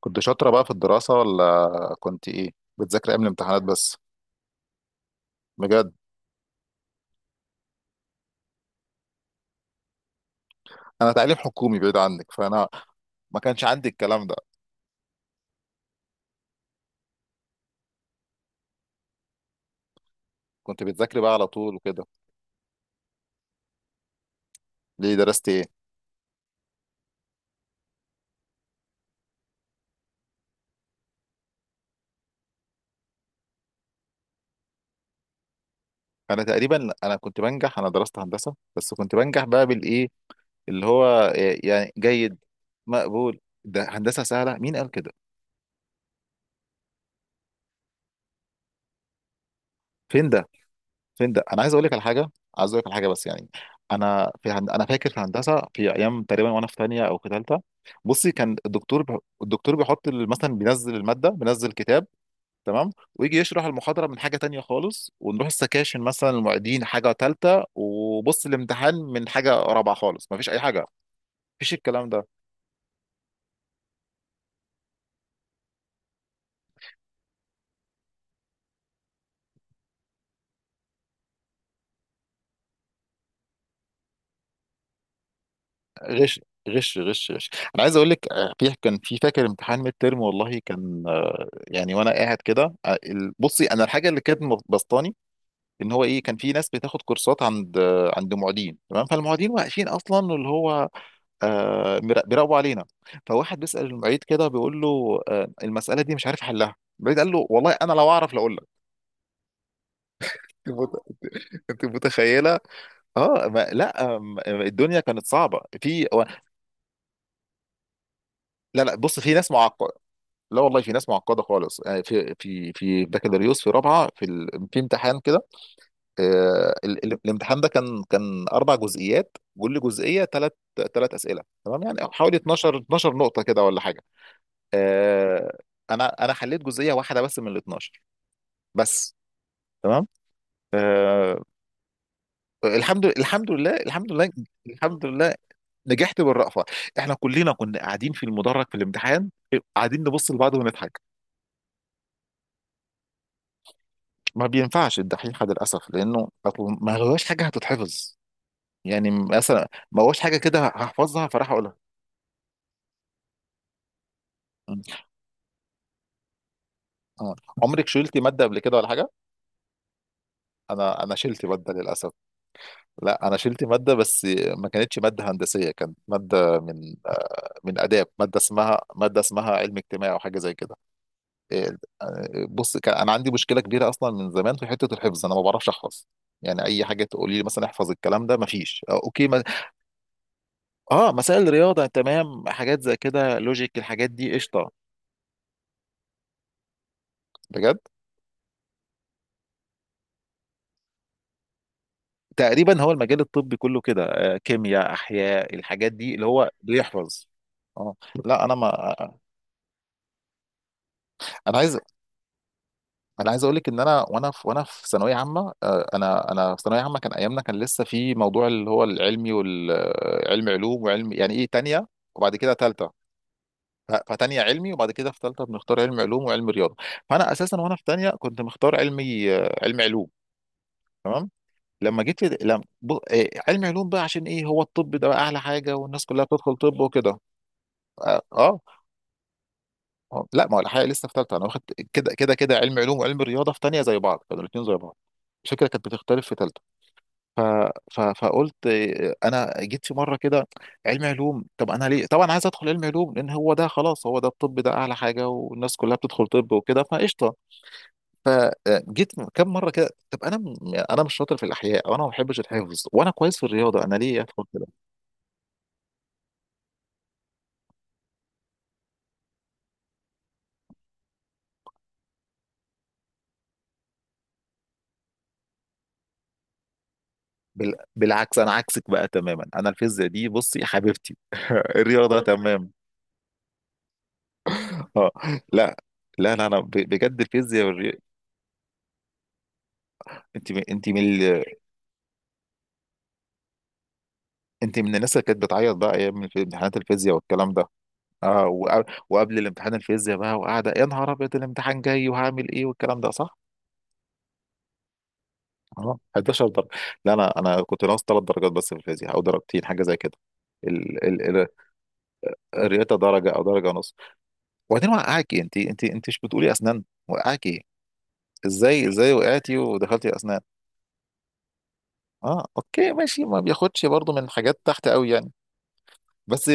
كنت شاطرة بقى في الدراسة ولا كنت إيه؟ بتذاكري أيام الامتحانات بس؟ بجد. أنا تعليم حكومي بعيد عنك، فأنا ما كانش عندي الكلام ده. كنت بتذاكري بقى على طول وكده؟ ليه درست إيه؟ أنا تقريبا كنت بنجح. أنا درست هندسة بس كنت بنجح بقى بالإيه، اللي هو إيه؟ يعني جيد. مقبول. ده هندسة سهلة، مين قال كده؟ فين ده؟ فين ده؟ انا عايز اقول لك على حاجه. بس يعني انا فاكر في هندسه في ايام تقريبا، وانا في ثانيه او في ثالثه. بصي، الدكتور بيحط مثلا بينزل الماده، بينزل كتاب، تمام، ويجي يشرح المحاضره من حاجه تانية خالص، ونروح السكاشن مثلا المعيدين حاجه ثالثه، وبص الامتحان من حاجه رابعه خالص. ما فيش اي حاجه. ما فيش الكلام ده. غش غش غش غش. انا عايز اقول لك، في كان في فاكر امتحان ميد ترم، والله كان يعني وانا قاعد كده بصي، انا الحاجه اللي كانت مبسطاني ان هو ايه، كان في ناس بتاخد كورسات عند معيدين، تمام، فالمعيدين واقفين اصلا اللي هو بيراقبوا علينا، فواحد بيسأل المعيد كده بيقول له آه المسألة دي مش عارف حلها، المعيد قال له والله انا لو اعرف لاقول لك. انت مت- أنت متخيله؟ اه. ما لا الدنيا كانت صعبه لا لا، بص، في ناس معقده، لا والله في ناس معقده خالص يعني في بكالوريوس في رابعه في امتحان كده الامتحان ده كان اربع جزئيات، كل جزئيه ثلاث اسئله، تمام، يعني حوالي 12 12 نقطه كده ولا حاجه. آه، انا حليت جزئيه واحده بس من ال 12 بس، تمام. آه، الحمد لله، الحمد لله، الحمد لله. نجحت بالرأفة، احنا كلنا كنا قاعدين في المدرج في الامتحان، قاعدين نبص لبعض ونضحك. ما بينفعش الدحيحة للأسف، لأنه أصل ما هواش حاجة هتتحفظ، يعني مثلا ما هواش حاجة كده هحفظها فراح أقولها. آه. عمرك شلتي مادة قبل كده ولا حاجة؟ أنا شلت مادة للأسف. لا، أنا شلت مادة بس، ما كانتش مادة هندسية، كانت مادة من من آداب، مادة اسمها علم اجتماعي أو حاجة زي كده. إيه، آه، بص، كان أنا عندي مشكلة كبيرة أصلا من زمان في حتة الحفظ، أنا ما بعرفش أحفظ. يعني أي حاجة تقولي لي مثلا احفظ الكلام ده، مفيش. أوكي ما... مسائل رياضة، تمام، حاجات زي كده، لوجيك، الحاجات دي قشطة، بجد. تقريبا هو المجال الطبي كله كده، كيمياء، احياء، الحاجات دي اللي هو بيحفظ. اه، لا، انا ما انا عايز انا عايز اقول لك ان انا وانا في ثانويه عامه، انا في ثانويه عامه كان ايامنا، كان لسه في موضوع اللي هو العلمي، والعلم علوم وعلم يعني ايه تانية، وبعد كده تالتة. فتانية علمي، وبعد كده في تالتة بنختار علم علوم وعلم رياضه. فانا اساسا وانا في تانية كنت مختار علمي، علم علوم، تمام. لما جيت لد- لم... ب... آه، علم علوم بقى، عشان ايه؟ هو الطب ده بقى اعلى حاجه والناس كلها بتدخل طب وكده. اه. آه. لا، ما هو الحقيقه لسه في ثالثه، انا واخد كده كده كده. علم علوم وعلم رياضه في ثانيه زي بعض، كانوا الاثنين زي بعض. الفكره كانت بتختلف في ثالثه. ف... فقلت، انا جيت في مره كده، علم علوم، طب انا ليه طبعا عايز ادخل علم علوم؟ لان هو ده خلاص، هو ده الطب ده اعلى حاجه والناس كلها بتدخل طب وكده، فقشطه. فجيت كم مره كده، طب انا مش شاطر في الاحياء، وانا ما بحبش الحفظ، وانا كويس في الرياضه، انا ليه ادخل كده؟ بالعكس، انا عكسك بقى تماما، انا الفيزياء دي بصي حبيبتي الرياضه تمام. اه، لا لا لا، بجد الفيزياء انت من... انت من ال... انت من الناس اللي كانت بتعيط بقى ايام امتحانات الفيزياء والكلام ده. اه، وقبل الامتحان الفيزياء بقى، وقاعده يا نهار ابيض، الامتحان جاي وهعمل ايه والكلام ده، صح؟ اه، 11 درجه. لا، انا كنت ناقص ثلاث درجات بس في الفيزياء، او درجتين حاجه زي كده. ال... ال... ال... الرياضه درجه او درجه ونص. وبعدين وقعاكي؟ انت مش بتقولي اسنان وقعاكي؟ ازاي ازاي وقعتي ودخلتي اسنان؟ اه، اوكي، ماشي، ما بياخدش برضو من حاجات تحت قوي يعني. بس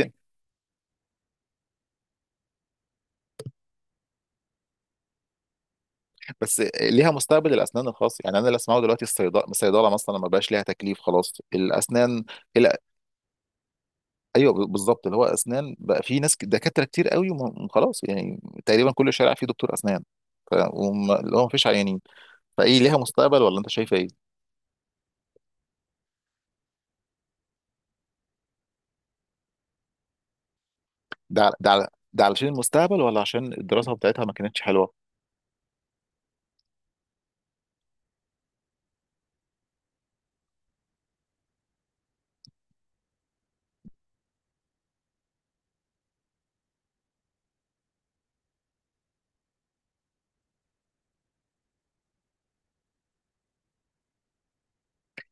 بس ليها مستقبل الاسنان الخاص، يعني انا اللي اسمعه دلوقتي الصيدله، مثلا ما بقاش ليها تكليف، خلاص. الاسنان، لا، ايوه، بالظبط، اللي هو اسنان بقى في ناس دكاتره كتير قوي وخلاص يعني، تقريبا كل شارع فيه دكتور اسنان. اللي هو ما فيش عيانين، فايه، ليها مستقبل ولا انت شايفه ايه؟ ده علشان المستقبل ولا عشان الدراسه بتاعتها ما كانتش حلوه؟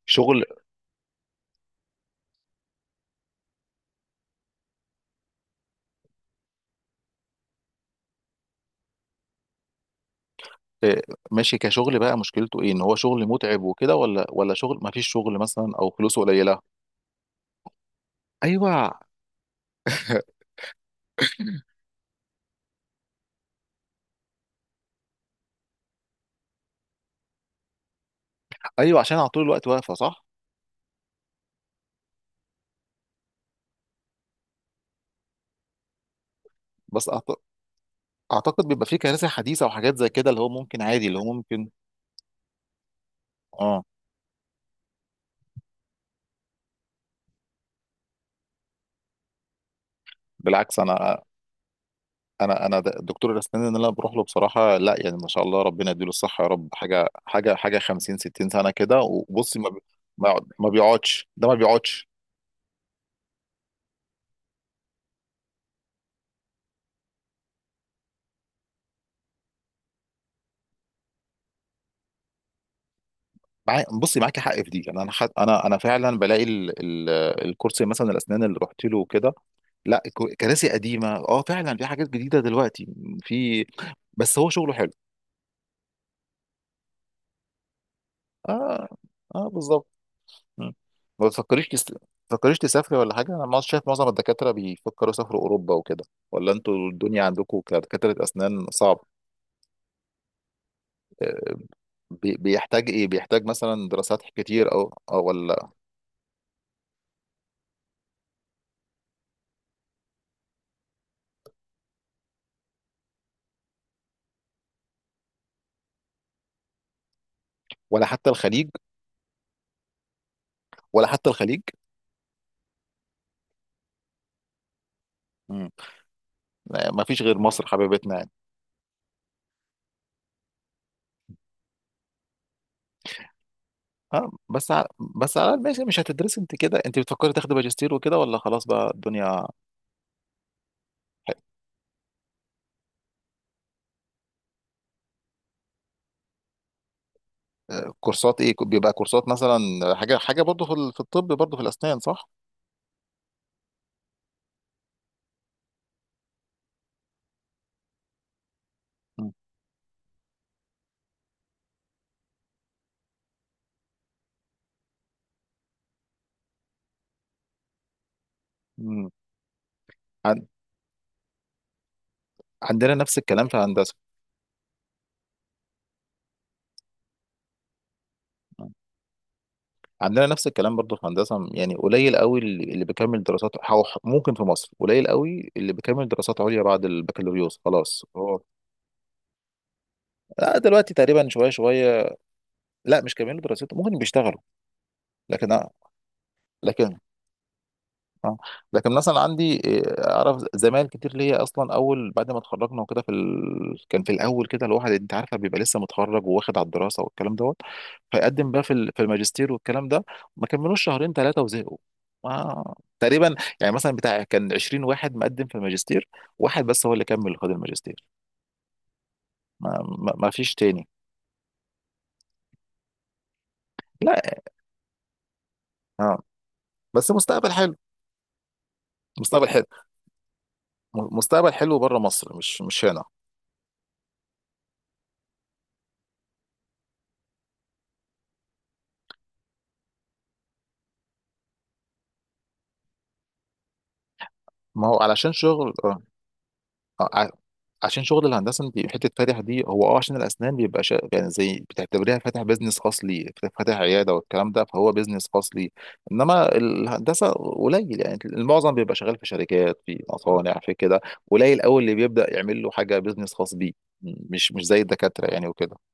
شغل، آه، ماشي، كشغل بقى مشكلته ايه؟ ان هو شغل متعب وكده، ولا شغل ما فيش شغل مثلا، او فلوسه قليله؟ ايوه، ايوه، عشان على طول الوقت واقفه، صح؟ بس أعت- اعتقد بيبقى في كنائس حديثه وحاجات زي كده، اللي هو ممكن عادي، اللي هو ممكن. اه، بالعكس، دكتور الاسنان اللي انا بروح له بصراحه، لا يعني ما شاء الله، ربنا يديله الصحه يا رب، حاجه حاجه حاجه 50 60 سنه كده، وبصي ما بيقعدش، ده ما بيقعدش. معاي بصي معاكي حق في دي، يعني انا فعلا بلاقي الكرسي مثلا الاسنان اللي رحت له وكده، لا، كراسي قديمه، اه، فعلا في حاجات جديده دلوقتي، في، بس هو شغله حلو. اه، اه، بالظبط. مم. ما تفكريش تسافري ولا حاجة؟ أنا ما شايف معظم الدكاترة بيفكروا يسافروا أوروبا وكده، ولا أنتوا الدنيا عندكم كدكاترة أسنان صعب؟ آه، بيحتاج إيه؟ بيحتاج مثلا دراسات كتير أو ولا ولا حتى الخليج، ولا حتى الخليج. مم. لا، ما فيش غير مصر حبيبتنا يعني. ها، بس على الأقل ماشي، مش هتدرسي أنت كده؟ أنت بتفكري تاخدي ماجستير وكده ولا خلاص بقى الدنيا؟ كورسات إيه؟ بيبقى كورسات مثلا حاجة حاجة برضه في الطب، برضه في الأسنان، صح؟ مم. مم. عندنا نفس الكلام في هندسة، عندنا نفس الكلام برضه في هندسة يعني. قليل قوي اللي بيكمل دراسات، أو ممكن في مصر قليل قوي اللي بيكمل دراسات عليا بعد البكالوريوس، خلاص هو. لا، دلوقتي تقريبا شوية شوية، لا، مش كاملين دراسته، ممكن بيشتغلوا لكن لكن اه لكن مثلا عندي، اعرف زمايل كتير ليا اصلا، اول بعد ما اتخرجنا وكده، كان في الاول كده الواحد، انت عارفه، بيبقى لسه متخرج وواخد على الدراسه والكلام دوت، فيقدم بقى في الماجستير والكلام ده، ما كملوش شهرين ثلاثه وزهقوا. ما تقريبا يعني مثلا بتاع كان 20 واحد مقدم في الماجستير، واحد بس هو اللي كمل خد الماجستير. ما, ما فيش تاني. لا، اه، بس مستقبل حلو، مستقبل حلو مستقبل حلو بره مصر، مش هنا. ما هو علشان شغل. آه. آه، ع- عشان شغل الهندسه انت حته فاتح دي، هو اه عشان الاسنان بيبقى يعني زي بتعتبريها فاتح بيزنس خاص ليه، فاتح عياده والكلام ده، فهو بيزنس خاص ليه. انما الهندسه قليل، يعني المعظم بيبقى شغال في شركات، في مصانع، في كده، قليل قوي اللي بيبدا يعمل له حاجه بيزنس خاص بيه، مش زي الدكاتره يعني وكده.